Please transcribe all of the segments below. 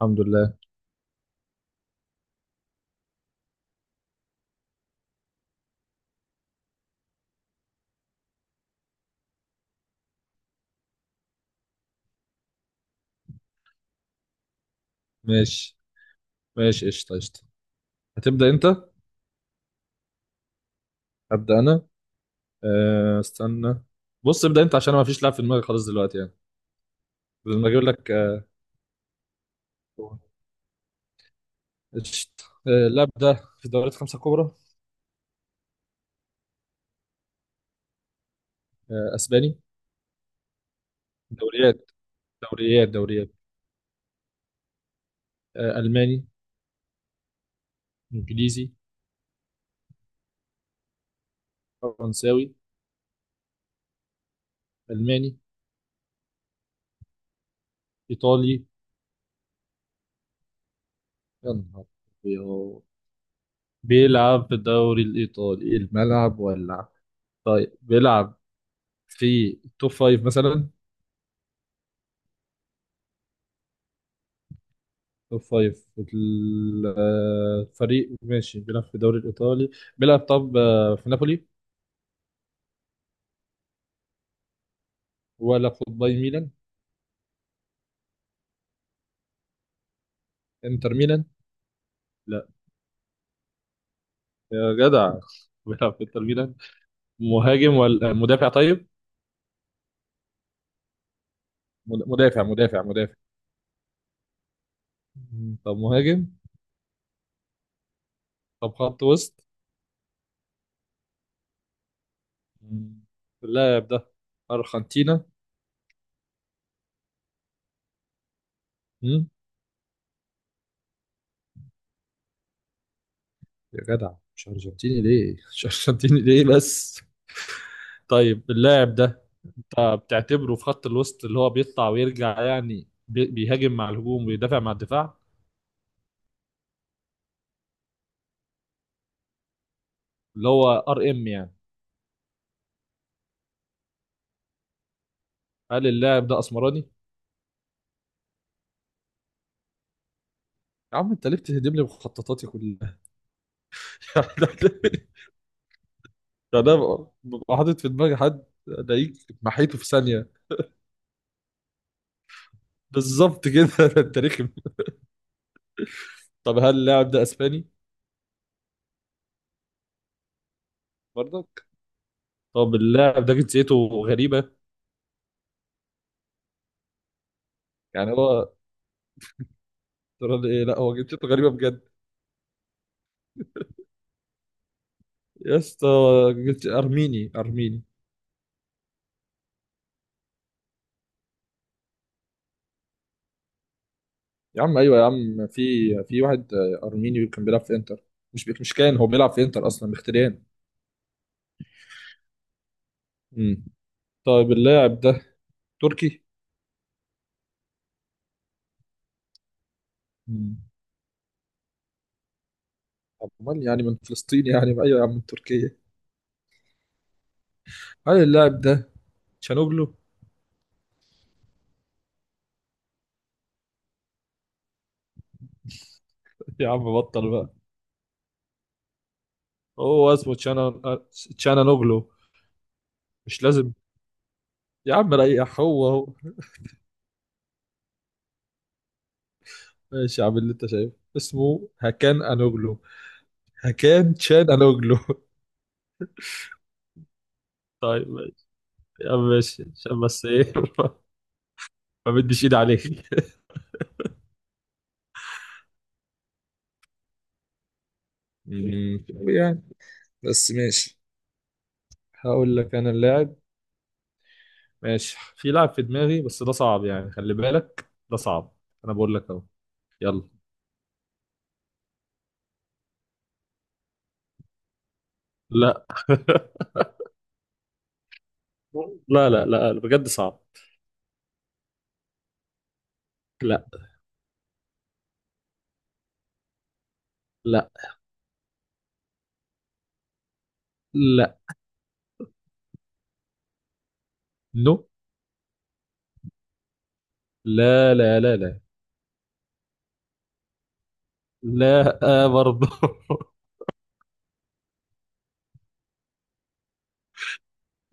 الحمد لله. ماشي، ماشي قشطة قشطة. هتبدأ أنت. هبدأ أنا. استنى. بص، ابدأ أنت عشان ما فيش لاعب في دماغي خالص دلوقتي يعني. لما أجيب لك قشطة. أه، اللاعب ده في دوريات خمسة كبرى؟ أه، أسباني؟ دوريات دوريات؟ أه، ألماني؟ إنجليزي؟ فرنساوي؟ ألماني؟ إيطالي؟ يا نهار أبيض. بيلعب في الدوري الإيطالي، الملعب ولع. طيب بيلعب في توب فايف مثلا؟ توب فايف فريق ماشي بيلعب في الدوري الإيطالي. بيلعب طب في نابولي؟ ولا في باي ميلان؟ انتر ميلان؟ لا. يا جدع بيلعب في انتر ميلان. مهاجم ولا مدافع طيب؟ مدافع مدافع مدافع. طب مهاجم. طب خط وسط. مم، اللاعب ده أرجنتينا؟ مم، يا جدع، مش أرجنتيني ليه مش أرجنتيني ليه بس. طيب اللاعب ده فبتعتبره في خط الوسط، اللي هو بيطلع ويرجع يعني، بيهاجم مع الهجوم ويدافع مع الدفاع. اللي هو ار ام يعني. هل اللاعب ده اسمراني؟ يا عم انت ليه بتهدم لي مخططاتي كلها؟ يعني انا ببقى حاطط في دماغي حد الاقيك محيته في ثانيه. بالظبط كده ده انت رخم. طب هل اللاعب ده اسباني برضك؟ طب اللاعب ده جنسيته غريبه. يعني هو ترى إيه؟ لا، هو جنسيته غريبه بجد. يا اسطى، ارميني ارميني. يا عم ايوه يا عم، في في واحد ارميني كان بيلعب في انتر. مش مش كان هو بيلعب في انتر اصلا، مختريان. امم. طيب اللاعب ده تركي. امم. امال يعني من فلسطين؟ يعني ايوه يا عم، من تركيا. هل اللاعب ده تشانوغلو؟ يا عم بطل بقى. هو اسمه تشانا تشانانوغلو. مش لازم. يا عم ريح، هو هو. ماشي يا عم، اللي انت شايفه اسمه هكان انوغلو، هكان تشان انوغلو. طيب ماشي. يا عم ماشي عشان بس ايه ما بديش ايد عليك. يعني بس ماشي. هقول لك انا اللاعب. ماشي، في لاعب في دماغي بس ده صعب يعني، خلي بالك ده صعب. انا بقول لك اهو. يلا. لا لا، لا، لا، بجد صعب. لا. لا. لا. نو. لا، لا، لا، لا. لا برضه.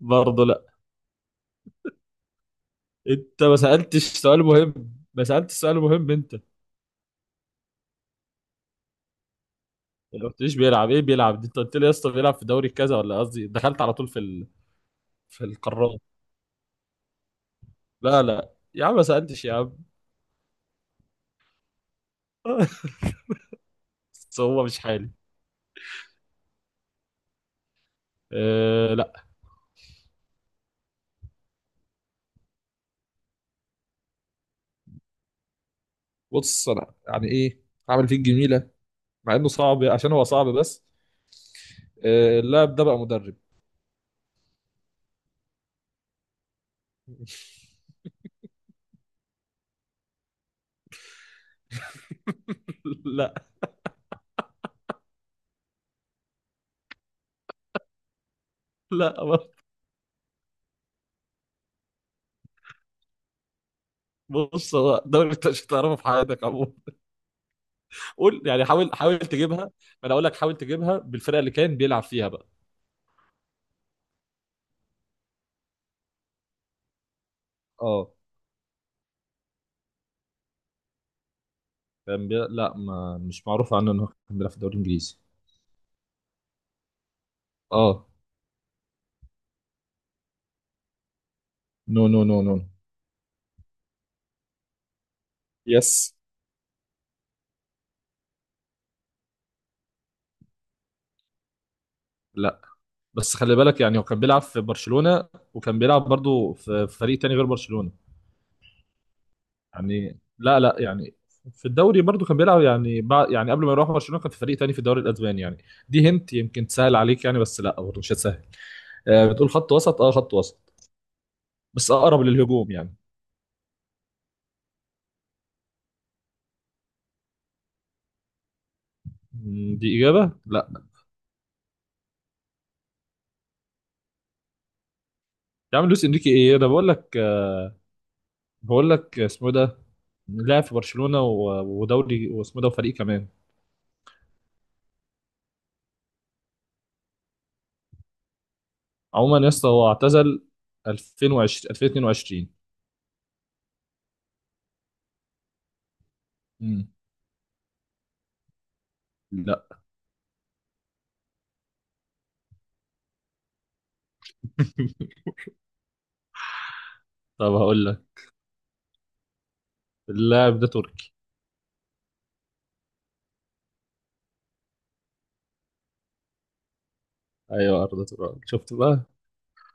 برضه لا. انت ما سألتش سؤال مهم، ما سألتش سؤال مهم انت. ما قلتليش بيلعب ايه، بيلعب دي انت قلت لي يا اسطى بيلعب في دوري كذا، ولا قصدي دخلت على طول في ال... في القارات. لا، لا يا عم ما سألتش يا عم. بس هو مش حالي. أه لا. بص انا يعني ايه، عامل فيك جميله مع انه صعب عشان هو صعب بس. اللاعب ده بقى مدرب. لا. لا. بص هو دوري انت مش هتعرفه في حياتك عموما. قول يعني، حاول حاول تجيبها ما. انا اقول لك حاول تجيبها بالفرقه اللي كان بيلعب فيها بقى. اه. كان بي... لا ما مش معروف عنه انه كان بيلعب في الدوري الانجليزي. اه. نو نو نو نو. يس. لا بس خلي بالك يعني، هو كان بيلعب في برشلونة وكان بيلعب برضو في في فريق تاني غير برشلونة. يعني لا لا، يعني في الدوري برضو كان بيلعب يعني بعد، يعني قبل ما يروح برشلونة كان في فريق تاني في الدوري الاسباني يعني. دي هنت يمكن تسهل عليك يعني، بس لا برضو مش هتسهل. آه بتقول خط وسط، اه خط وسط. بس اقرب للهجوم يعني. مم. دي اجابة لا. يا عم لويس انريكي ايه، انا بقول لك بقول لك اسمه إيه ده. لعب في برشلونة ودوري واسمه إيه ده وفريق كمان. عموما يا اسطى هو اعتزل 2020 2022. مم. لا طب هقول لك اللاعب ده تركي. ايوه، ارض تراب، شفت بقى.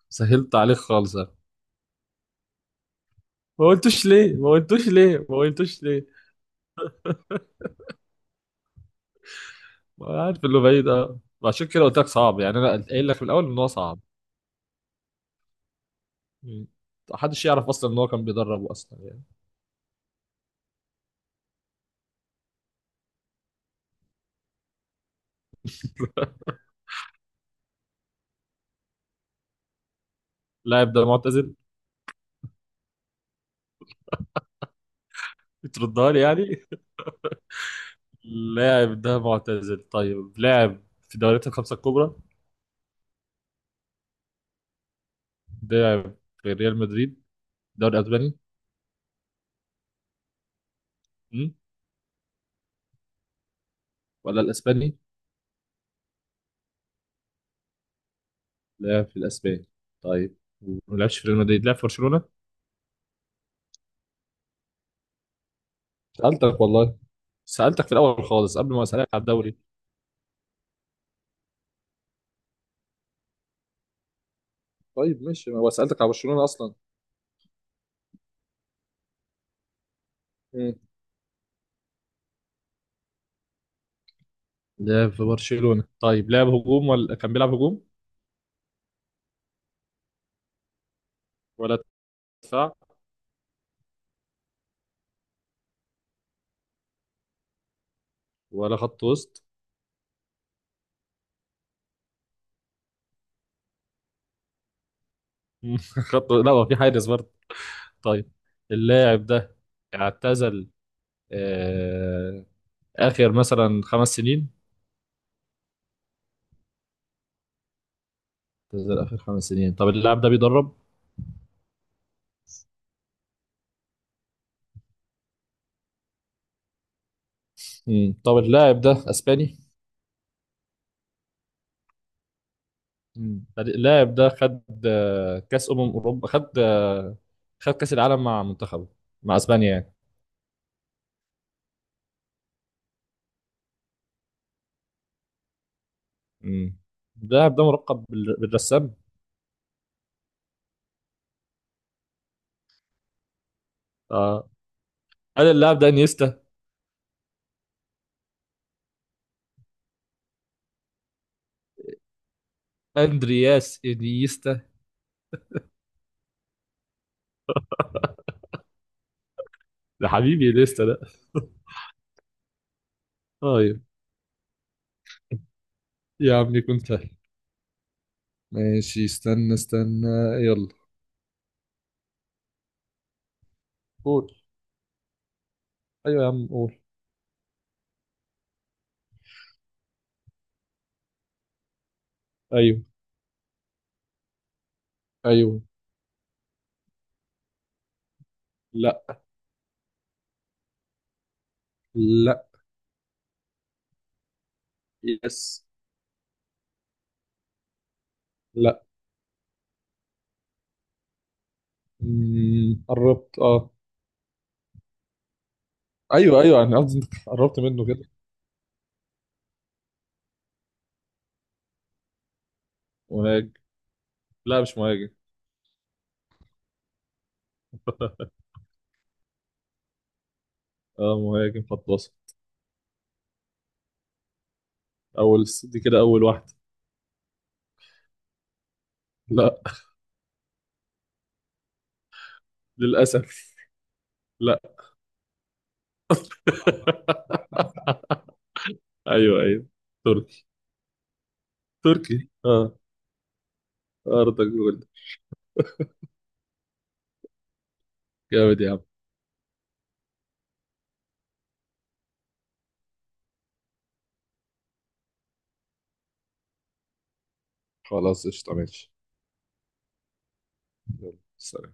سهلت عليك خالص أنا. ما قلتوش ليه، ما قلتوش ليه، ما قلتوش ليه. ما عارف اللي بعيد اه. عشان كده قلت لك صعب يعني، انا قايل لك من الاول ان هو صعب. مم. محدش يعرف اصلا ان هو كان بيدربه اصلا يعني. اللاعب ده معتزل. بتردها لي يعني. اللاعب ده معتزل، طيب. لاعب في دوريات الخمسة الكبرى؟ لاعب في ريال مدريد؟ الدوري الاسباني؟ مم؟ ولا الاسباني؟ لعب في الاسبان. طيب، وما لعبش في ريال مدريد، لعب في برشلونه. سالتك والله، سالتك في الاول خالص قبل ما اسالك على الدوري. طيب ماشي، ما هو سالتك على برشلونه اصلا. مم. لعب في برشلونه. طيب لعب هجوم، ولا كان بيلعب هجوم ولا دفاع ولا خط وسط. خط لا، هو في حارس برضه. طيب اللاعب ده اعتزل آه... اخر مثلا 5 سنين. اعتزل اخر 5 سنين. طب اللاعب ده بيدرب؟ مم. طب اللاعب ده اسباني. مم. فريق- اللاعب ده خد كاس اوروبا، خد خد كاس العالم مع منتخبه مع اسبانيا يعني. مم. اللاعب ده ملقب بالرسام. اه. قال اللاعب ده انيستا. اندرياس انيستا. ده حبيبي انيستا ده. طيب. يا عم يكون سهل. ماشي، استنى استنى. يلا. قول. ايوه يا عم قول. ايوه ايوه. لا. لا. يس. لا. مم. قربت اه. ايوه ايوه، انا قصدي إنك قربت منه كده. لا مش مهاجم. اه مهاجم خط وسط. اول دي كده اول واحده. لا. للاسف لا. ايوه ايوه. تركي. تركي اه. ارضك جولد. جامد يا عم. خلاص قشطة ماشي. سلام.